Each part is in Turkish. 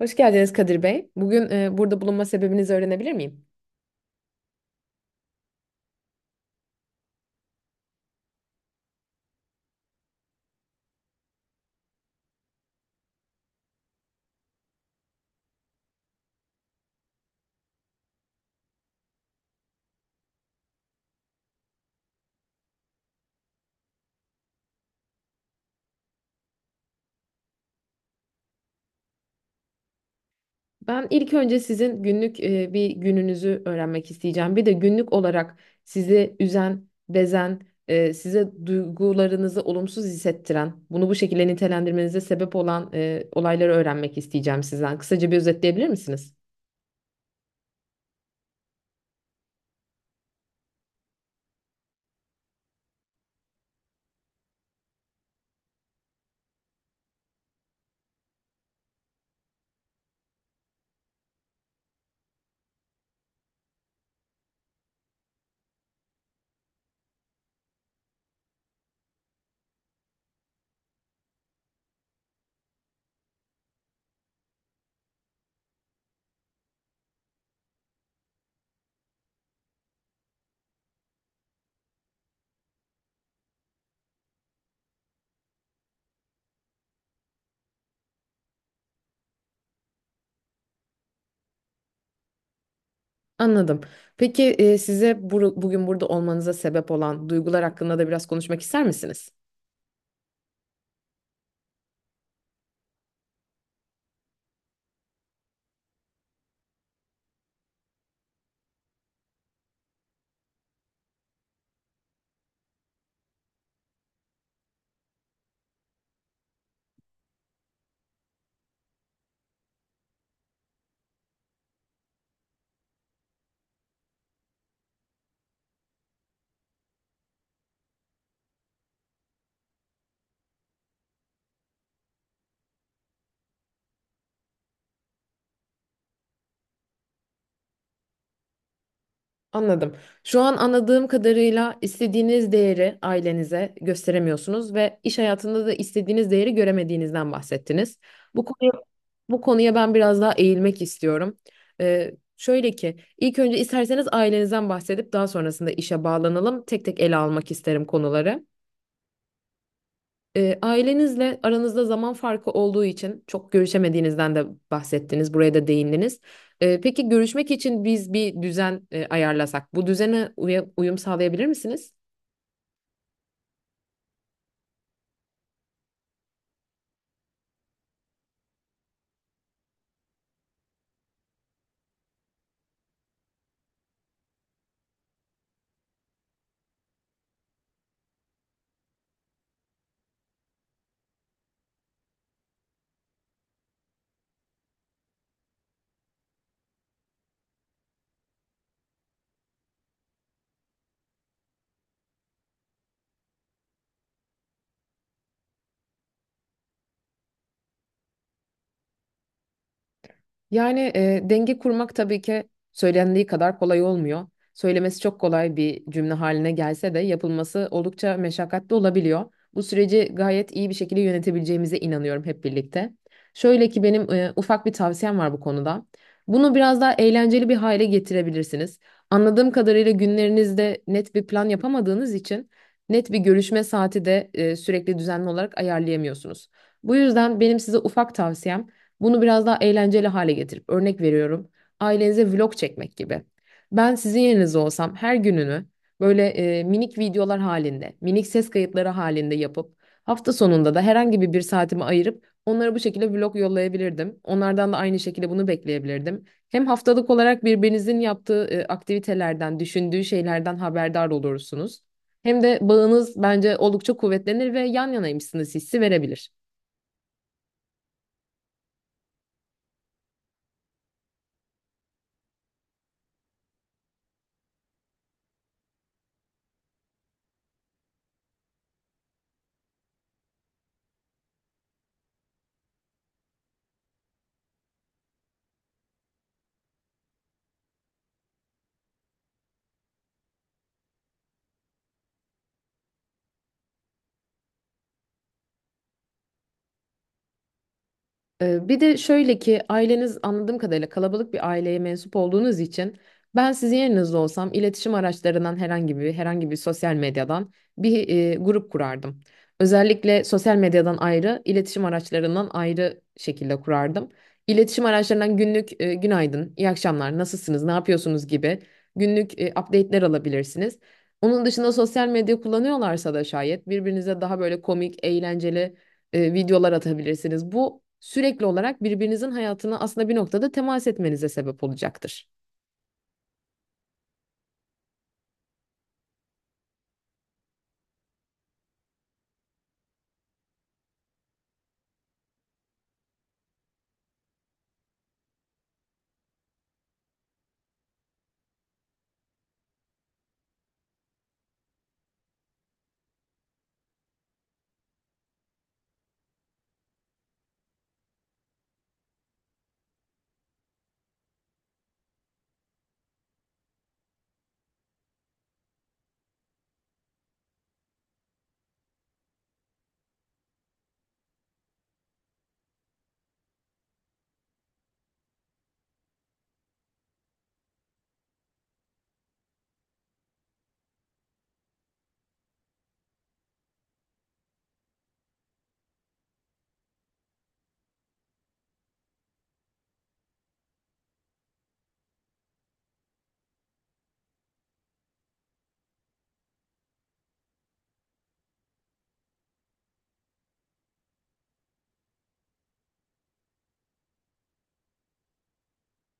Hoş geldiniz Kadir Bey. Bugün burada bulunma sebebinizi öğrenebilir miyim? Ben ilk önce sizin günlük bir gününüzü öğrenmek isteyeceğim. Bir de günlük olarak sizi üzen, bezen, size duygularınızı olumsuz hissettiren, bunu bu şekilde nitelendirmenize sebep olan olayları öğrenmek isteyeceğim sizden. Kısaca bir özetleyebilir misiniz? Anladım. Peki size bugün burada olmanıza sebep olan duygular hakkında da biraz konuşmak ister misiniz? Anladım. Şu an anladığım kadarıyla istediğiniz değeri ailenize gösteremiyorsunuz ve iş hayatında da istediğiniz değeri göremediğinizden bahsettiniz. Bu konuya, bu konuya ben biraz daha eğilmek istiyorum. Ee, şöyle ki, ilk önce isterseniz ailenizden bahsedip daha sonrasında işe bağlanalım. Tek tek ele almak isterim konuları. Ailenizle aranızda zaman farkı olduğu için çok görüşemediğinizden de bahsettiniz, buraya da değindiniz. Peki görüşmek için biz bir düzen ayarlasak, bu düzene uyum sağlayabilir misiniz? Yani denge kurmak tabii ki söylendiği kadar kolay olmuyor. Söylemesi çok kolay bir cümle haline gelse de yapılması oldukça meşakkatli olabiliyor. Bu süreci gayet iyi bir şekilde yönetebileceğimize inanıyorum hep birlikte. Şöyle ki benim ufak bir tavsiyem var bu konuda. Bunu biraz daha eğlenceli bir hale getirebilirsiniz. Anladığım kadarıyla günlerinizde net bir plan yapamadığınız için net bir görüşme saati de sürekli düzenli olarak ayarlayamıyorsunuz. Bu yüzden benim size ufak tavsiyem bunu biraz daha eğlenceli hale getirip örnek veriyorum. Ailenize vlog çekmek gibi. Ben sizin yerinizde olsam her gününü böyle minik videolar halinde, minik ses kayıtları halinde yapıp hafta sonunda da herhangi bir saatimi ayırıp onlara bu şekilde vlog yollayabilirdim. Onlardan da aynı şekilde bunu bekleyebilirdim. Hem haftalık olarak birbirinizin yaptığı aktivitelerden, düşündüğü şeylerden haberdar olursunuz. Hem de bağınız bence oldukça kuvvetlenir ve yan yanaymışsınız hissi verebilir. Bir de şöyle ki aileniz anladığım kadarıyla kalabalık bir aileye mensup olduğunuz için ben sizin yerinizde olsam iletişim araçlarından herhangi bir sosyal medyadan bir grup kurardım. Özellikle sosyal medyadan ayrı, iletişim araçlarından ayrı şekilde kurardım. İletişim araçlarından günlük günaydın, iyi akşamlar, nasılsınız, ne yapıyorsunuz gibi günlük update'ler alabilirsiniz. Onun dışında sosyal medya kullanıyorlarsa da şayet birbirinize daha böyle komik, eğlenceli videolar atabilirsiniz. Bu sürekli olarak birbirinizin hayatına aslında bir noktada temas etmenize sebep olacaktır.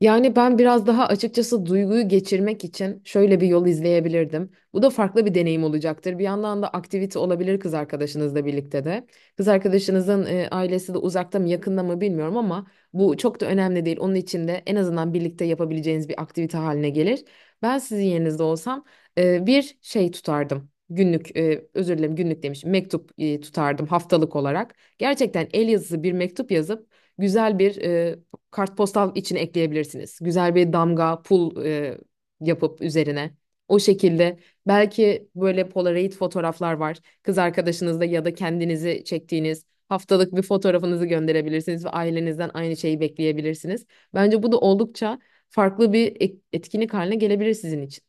Yani ben biraz daha açıkçası duyguyu geçirmek için şöyle bir yol izleyebilirdim. Bu da farklı bir deneyim olacaktır. Bir yandan da aktivite olabilir kız arkadaşınızla birlikte de. Kız arkadaşınızın ailesi de uzakta mı yakında mı bilmiyorum ama bu çok da önemli değil. Onun için de en azından birlikte yapabileceğiniz bir aktivite haline gelir. Ben sizin yerinizde olsam bir şey tutardım. Günlük, özür dilerim günlük demişim, mektup tutardım haftalık olarak. Gerçekten el yazısı bir mektup yazıp güzel bir kartpostal için ekleyebilirsiniz. Güzel bir damga, pul yapıp üzerine. O şekilde belki böyle Polaroid fotoğraflar var. Kız arkadaşınızla ya da kendinizi çektiğiniz haftalık bir fotoğrafınızı gönderebilirsiniz ve ailenizden aynı şeyi bekleyebilirsiniz. Bence bu da oldukça farklı bir etkinlik haline gelebilir sizin için.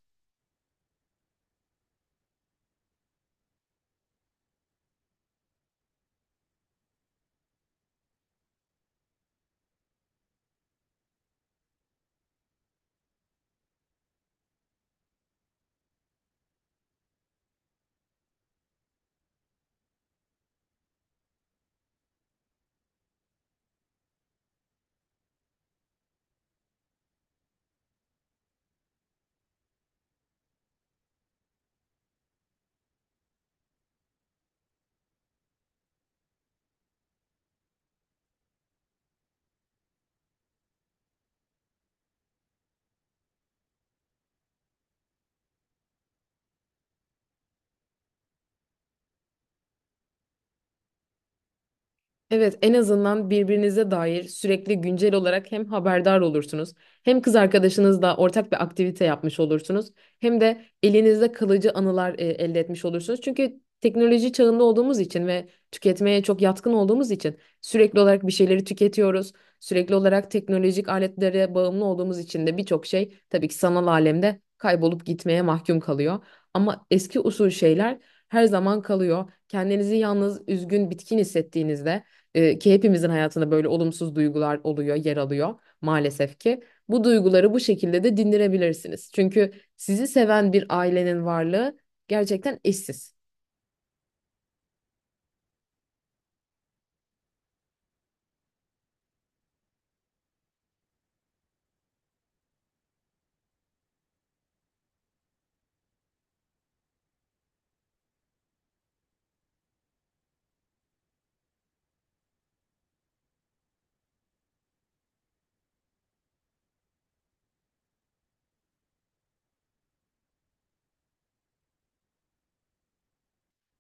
Evet, en azından birbirinize dair sürekli güncel olarak hem haberdar olursunuz, hem kız arkadaşınızla ortak bir aktivite yapmış olursunuz, hem de elinizde kalıcı anılar elde etmiş olursunuz. Çünkü teknoloji çağında olduğumuz için ve tüketmeye çok yatkın olduğumuz için sürekli olarak bir şeyleri tüketiyoruz. Sürekli olarak teknolojik aletlere bağımlı olduğumuz için de birçok şey tabii ki sanal alemde kaybolup gitmeye mahkum kalıyor. Ama eski usul şeyler her zaman kalıyor. Kendinizi yalnız, üzgün, bitkin hissettiğinizde ki hepimizin hayatında böyle olumsuz duygular oluyor, yer alıyor maalesef ki. Bu duyguları bu şekilde de dindirebilirsiniz. Çünkü sizi seven bir ailenin varlığı gerçekten eşsiz.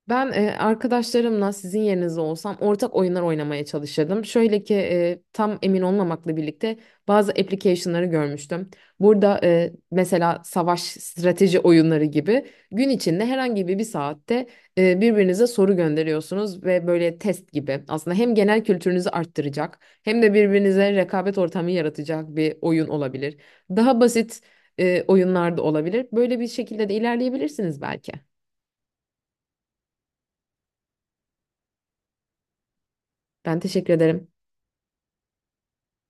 Ben arkadaşlarımla sizin yerinizde olsam ortak oyunlar oynamaya çalışırdım. Şöyle ki tam emin olmamakla birlikte bazı application'ları görmüştüm. Burada mesela savaş strateji oyunları gibi gün içinde herhangi bir saatte birbirinize soru gönderiyorsunuz ve böyle test gibi. Aslında hem genel kültürünüzü arttıracak hem de birbirinize rekabet ortamı yaratacak bir oyun olabilir. Daha basit oyunlar da olabilir. Böyle bir şekilde de ilerleyebilirsiniz belki. Ben teşekkür ederim.